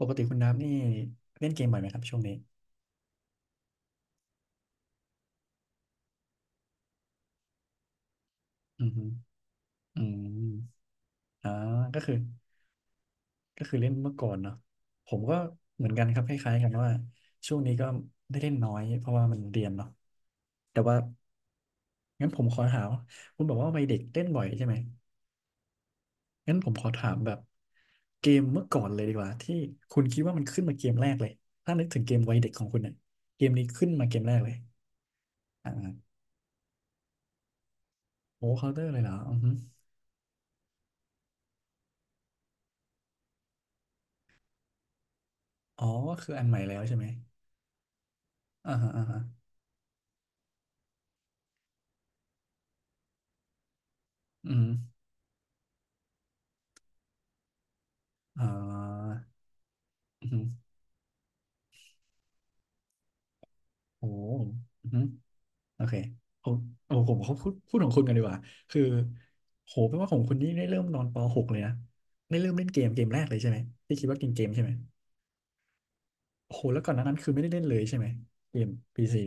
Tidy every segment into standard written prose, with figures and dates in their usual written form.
ปกติคุณน้ำนี่เล่นเกมบ่อยไหมครับช่วงนี้อือฮึอืมอ่าก็คือเล่นเมื่อก่อนเนาะผมก็เหมือนกันครับคล้ายๆกันว่าช่วงนี้ก็ได้เล่นน้อยเพราะว่ามันเรียนเนาะแต่ว่างั้นผมขอถามคุณบอกว่าวัยเด็กเล่นบ่อยใช่ไหมงั้นผมขอถามแบบเกมเมื่อก่อนเลยดีกว่าที่คุณคิดว่ามันขึ้นมาเกมแรกเลยถ้านึกถึงเกมวัยเด็กของคุณเนี่ยเกมนี้ขึ้นมาเกมแรกเลยอ่าโอ้เคาน์เตอร์เลยเหรออือฮึอ๋อก็คืออันใหม่แล้วใช่ไหม อ่าฮะอ่าฮะอืมอ่าอืมโอ้อืมโอเคผมโอ้ผมเขาพูดพูดของคุณกันดีกว่า คือโหแปลว่าของคุณนี่ได้เริ่มนอนปหกเลยนะได้เริ่มเล่นเกมแรกเลยใช่ไหม ที่คิดว่าเกมใช่ไหมโอหแล้วก่อนหน้านั้นคือไม่ได้เล่นเลยใช่ไหม เกมพีซี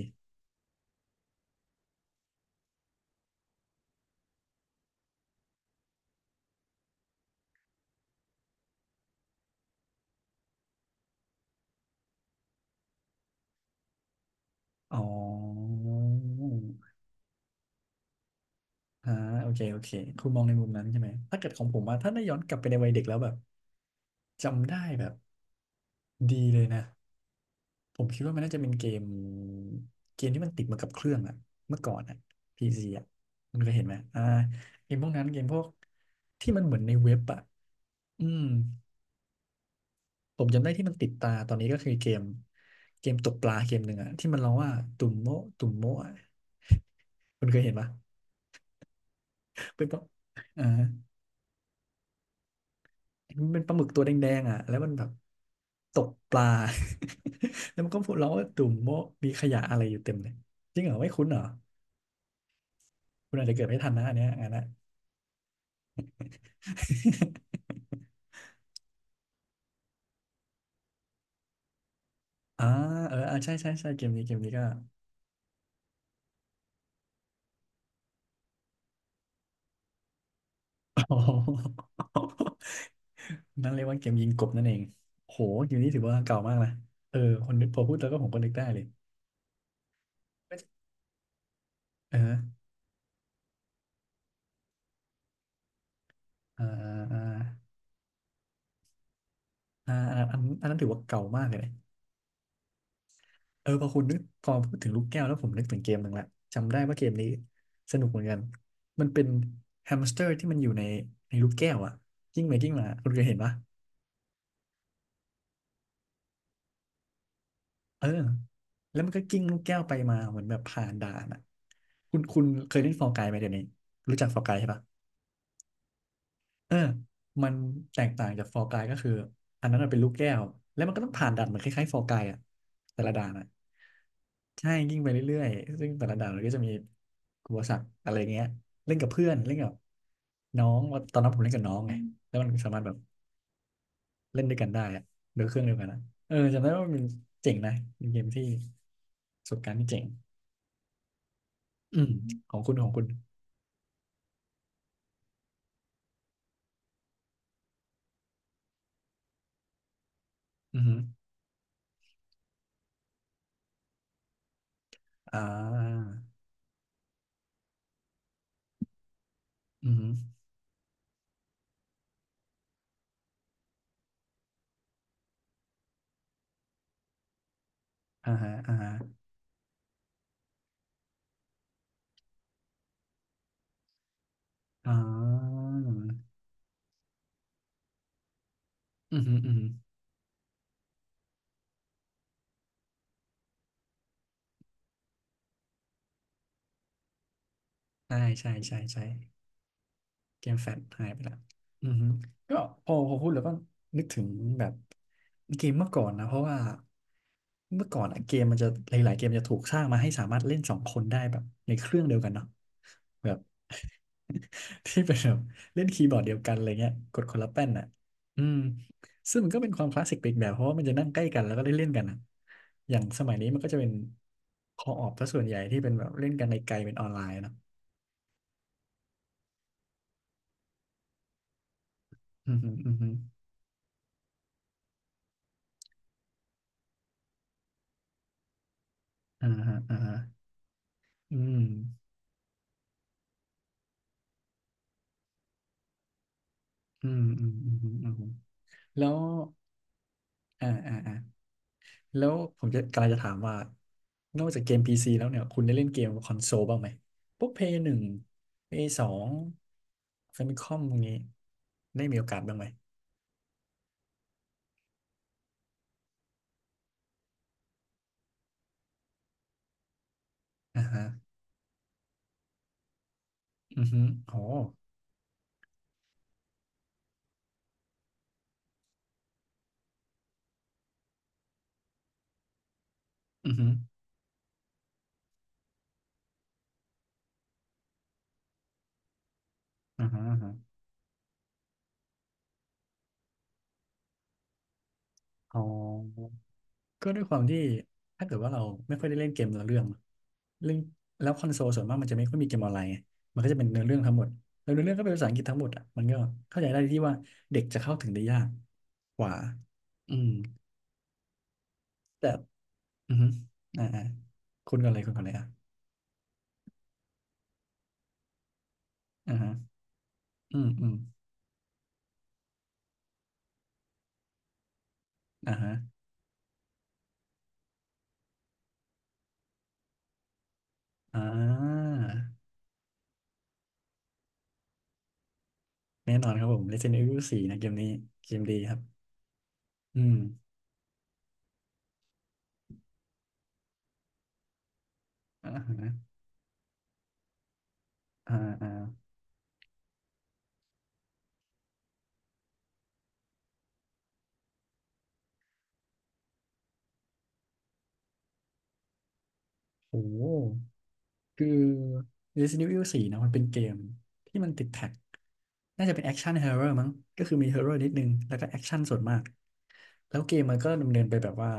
อ๋ออ่าโอเคโอเคคุณมองในมุมนั้นใช่ไหม ถ้าเกิดของผมว่าถ้าได้ย้อนกลับไปในวัยเด็กแล้วแบบจำได้แบบดีเลยนะ ผมคิดว่ามันน่าจะเป็นเกมที่มันติดมากับเครื่องอะเมื่อก่อนอะพีซีอะมันเคยเห็นไหมเกมพวกนั้นเกมพวกที่มันเหมือนในเว็บอะอืมผมจำได้ที่มันติดตาตอนนี้ก็คือเกมตกปลาเกมหนึ่งอะที่มันร้องว่าตุ่มโมะตุ่มโมะอะคุณเคยเห็นปะเป็นปะอ่ามันเป็นปลาหมึกตัวแดงๆอะแล้วมันแบบตกปลา แล้วมันก็พูดร้องว่าตุ่มโมะมีขยะอะไรอยู่เต็มเลยจริงเหรอไม่คุ้นเหรอคุณอาจจะเกิดไม่ทันนะอันเนี้ยอันนั้น อ่าเออใช่ใช่ใช่เกมนี้เกมนี้ก็ โอ้โหนั่นเรียกว่าเกมยิงกบนั่นเองโหเกมนี้ถือว่าเก่ามากนะเออคนนึกพอพูดแล้วก็ผมก็นึกได้เลยเอออ่าอ่าอันนั้นถือว่าเก่ามากเลยนะเออพอคุณนึกพอพูดถึงลูกแก้วแล้วผมนึกถึงเกมหนึ่งละจำได้ว่าเกมนี้สนุกเหมือนกันมันเป็นแฮมสเตอร์ที่มันอยู่ในลูกแก้วอะกิ้งไปกิ้งมาคุณเคยเห็นปะ เออแล้วมันก็กิ้งลูกแก้วไปมาเหมือนแบบผ่านด่านอ่ะคุณเคยเล่นฟอร์กายไหมเดี๋ยวนี้รู้จักฟอร์กายใช่ปะเออมันแตกต่างจากฟอร์กายก็คืออันนั้นมันเป็นลูกแก้ว แล้วมันก็ต้องผ่านด่านเหมือนคล้ายๆฟอร์กายอ่ะแต่ละด่านอ่ะใช่ยิ่งไปเรื่อยๆซึ่งแต่ละด่านมันก็จะมีอุปสรรคอะไรเงี้ยเล่นกับเพื่อนเล่นกับน้องว่าตอนนั้นผมเล่นกับน้องไงแล้วมันสามารถแบบเล่นด้วยกันได้อะโดยเครื่องเดียวกันนะเออจำได้ว่ามันเจ๋งนะเป็นเกมที่ประสบการณ์ที่เจ๋ง อืมของคุณอือหอ่าอือฮึอ่าฮะอ่าฮะอ่าอือฮึอือฮึใช่ใช่ใช่ใช่ เกมแฟลชหายไปละอือฮึก็พอพูดแล้วก็นึกถึงแบบเกมเมื่อก่อนนะเพราะว่าเมื่อก่อนอะเกมมันจะหลายๆเกมจะถูกสร้างมาให้สามารถเล่นสองคนได้แบบในเครื่องเดียวกันเนาะแบบ ที่เป็นแบบเล่นคีย์บอร์ดเดียวกันอะไรเงี้ยกดคนละแป้นอ่ะอืมซึ่งมันก็เป็นความคลาสสิกไปอีกแบบเพราะว่ามันจะนั่งใกล้กันแล้วก็ได้เล่นกันอะอย่างสมัยนี้มันก็จะเป็นคอออฟซะส่วนใหญ่ที่เป็นแบบเล่นกันในไกลเป็นออนไลน์เนาะอืมฮึอืมฮึอ่าฮะอ่าฮะ อืมอืมแล้ว อ่าอ่าอ่าแล้วผมกำลังจะถามว่า นอกจากเกม PC แล้วเนี่ย คุณได้เล่นเกมคอนโซลบ้างไหมพวกเพยหนึ่งเพย์สองฟมิคอมพวกนี้ ได้มีโอกาสบ้างไหมอ่าฮะอือฮึโหอือฮึอ่าฮะอ่าฮะอ๋อ ก็ด้วยความที่ถ้าเกิดว่าเราไม่ค่อยได้เล่นเกมเนื้อเรื่องเล่นแล้วคอนโซลส่วนมากมันจะไม่ค่อยมีเกมออนไลน์ไงมันก็จะเป็นเนื้อเรื่องทั้งหมดแล้วเนื้อเรื่องก็เป็นภาษาอังกฤษทั้งหมดอ่ะมันก็เข้าใจได้ที่ว่าเด็กจะเข้าถึงได้ยากกว่าอืมแต่อือฮึอ่าอ่าคุณก่อนเลยอ่ะอ่าฮะอืมอืมอ่าฮะอ่าแน่นอนครับผม Resident Evil สี่นะเกมนี้เกมดีครับอืมอ่าฮะอ่าอ่าโอ้ คือ Resident Evil 4เนอะมันเป็นเกมที่มันติดแท็กน่าจะเป็นแอคชั่นฮ ร์เรมั้ง.ก็คือมีฮอร์เรนิดนึงแล้วก็แอคชั่นส่วนมากแล้วเกมมันก็ดำเนินไปแบบว่า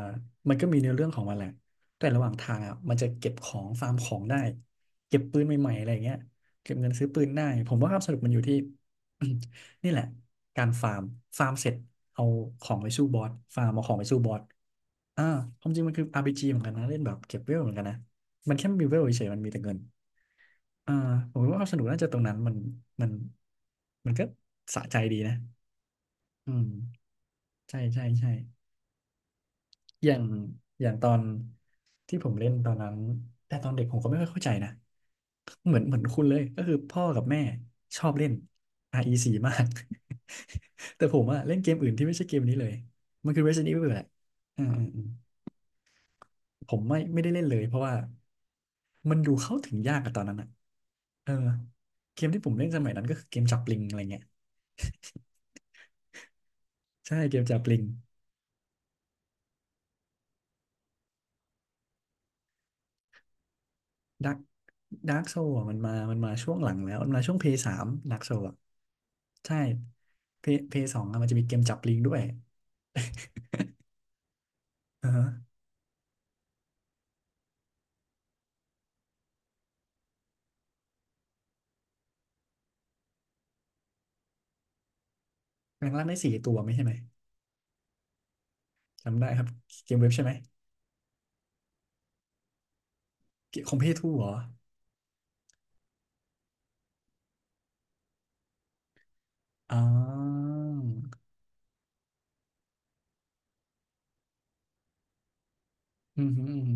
มันก็มีเนื้อเรื่องของมันแหละแต่ระหว่างทางอ่ะมันจะเก็บของฟาร์มของได้เก็บปืนใหม่ๆอะไรอย่างเงี้ยเก็บเงินซื้อปืนได้ผมว่าความสนุกมันอยู่ที่ นี่แหละการฟาร์มฟาร์มเสร็จเอาของไปสู้บอสฟาร์มเอาของไปสู้บอสอ่าความจริงมันคืออาร์พีจีเหมือนกันนะเล่นแบบเก็บเวลเหมือนกันนะ มันแค่มีเวลเฉยๆมันมีแต่เงินอ่าผมว่าความสนุกน่าจะตรงนั้นมันมันก็สะใจดีนะอืมใช่ใช่ใช่อย่างอย่างตอนที่ผมเล่นตอนนั้นแต่ตอนเด็กผมก็ไม่ค่อยเข้าใจนะเหมือนคุณเลยก็คือพ่อกับแม่ชอบเล่น RE4 มาก แต่ผมอะเล่นเกมอื่นที่ไม่ใช่เกมนี้เลยมันคือ Resident Evil แหละอืมอืมอืม ผมไม่ได้เล่นเลยเพราะว่ามันดูเข้าถึงยากอะตอนนั้นอะเออเกมที่ผมเล่นสมัยนั้นก็คือเกมจับปลิงอะไรเงี้ยใช่เกมจับปลิงดักดักโซะมันมาช่วงหลังแล้วมันมาช่วงเพย์สามดักโซะใช่เพย์สองมันจะมีเกมจับปลิงด้วยอ่าฮะแรงล่างได้สี่ตัวไม่ใช่ไหมจำได้ครับเกมเว็บใช่ไหมเกมของเพย์ทูเหรออ๋ออือฮึอือฮึ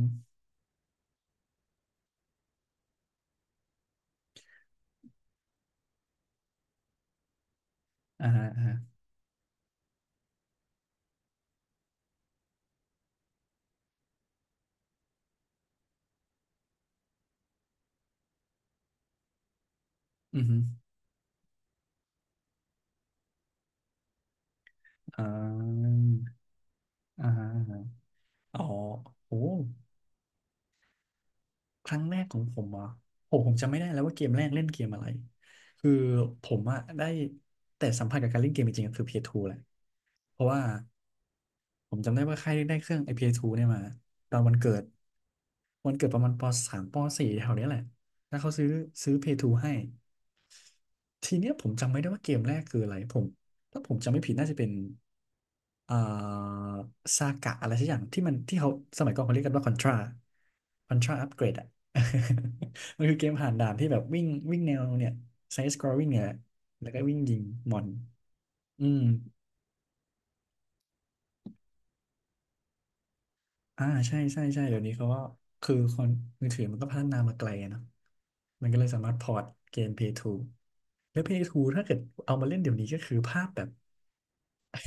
อ่าฮะอ่าฮะอือฮึอ่าอ่าฮะ อ๋อโอ้ครั้งแรกของผมเหรอ่ะโอ้ผมจำไม่ได้แล้วว่าเกมแรกเล่นเกมอะไร คือผมอะได้แต่สัมผัสกับการเล่นเกมจริงๆก็คือ p ทูแหละเพราะว่าผมจำได้ว่าค่ายได้เครื่องไอ s 2เอสทูเนี่ยมาตอนวันเกิดวันเกิดประมาณปสามปสี่แถวเนี้ยแหละแล้วเขาซื้อพีเพ์ s ูให้ ทีเนี้ยผมจำไม่ได้ว่าเกมแรกคืออะไรผมถ้าผมจำไม่ผิดน่าจะเป็นอ่าซากะอะไรสักอย่างที่มันที่เขาสมัยก่อนเขาเรียกกันว่าคอนทราคอนทราอัปเกรดอ่ะ มันคือเกมผ่านด่านที่แบบวิ่งวิ่งแนวเนี่ยไซส์สครอลลิ่งเนี่ยแหละแล้วก็วิ่งยิงมอนอืมอ่าใช่ใช่ใช่เดี๋ยวนี้เขาก็คือคนมือถือมันก็พัฒนามาไกลอะเนาะมันก็เลยสามารถพอร์ตเกมพ l a y แล้วพ l a y ถ้าเกิดเอามาเล่นเดี๋ยวนี้ก็คือภาพแบบ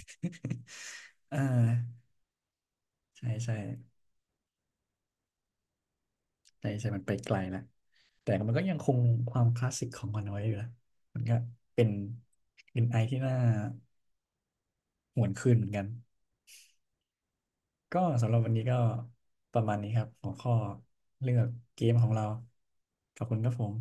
อ่า ใช่ใช่ใช่ มันไปไกลแล้วแต่มันก็ยังคงความคลาสสิกของมันไว้อยู่นะมันก็เป็นเป็นไอที่น่าหวนคืนเหมือนกันก็สำหรับวันนี้ก็ประมาณนี้ครับหัวข้อเลือกเกมของเราขอบคุณครับผม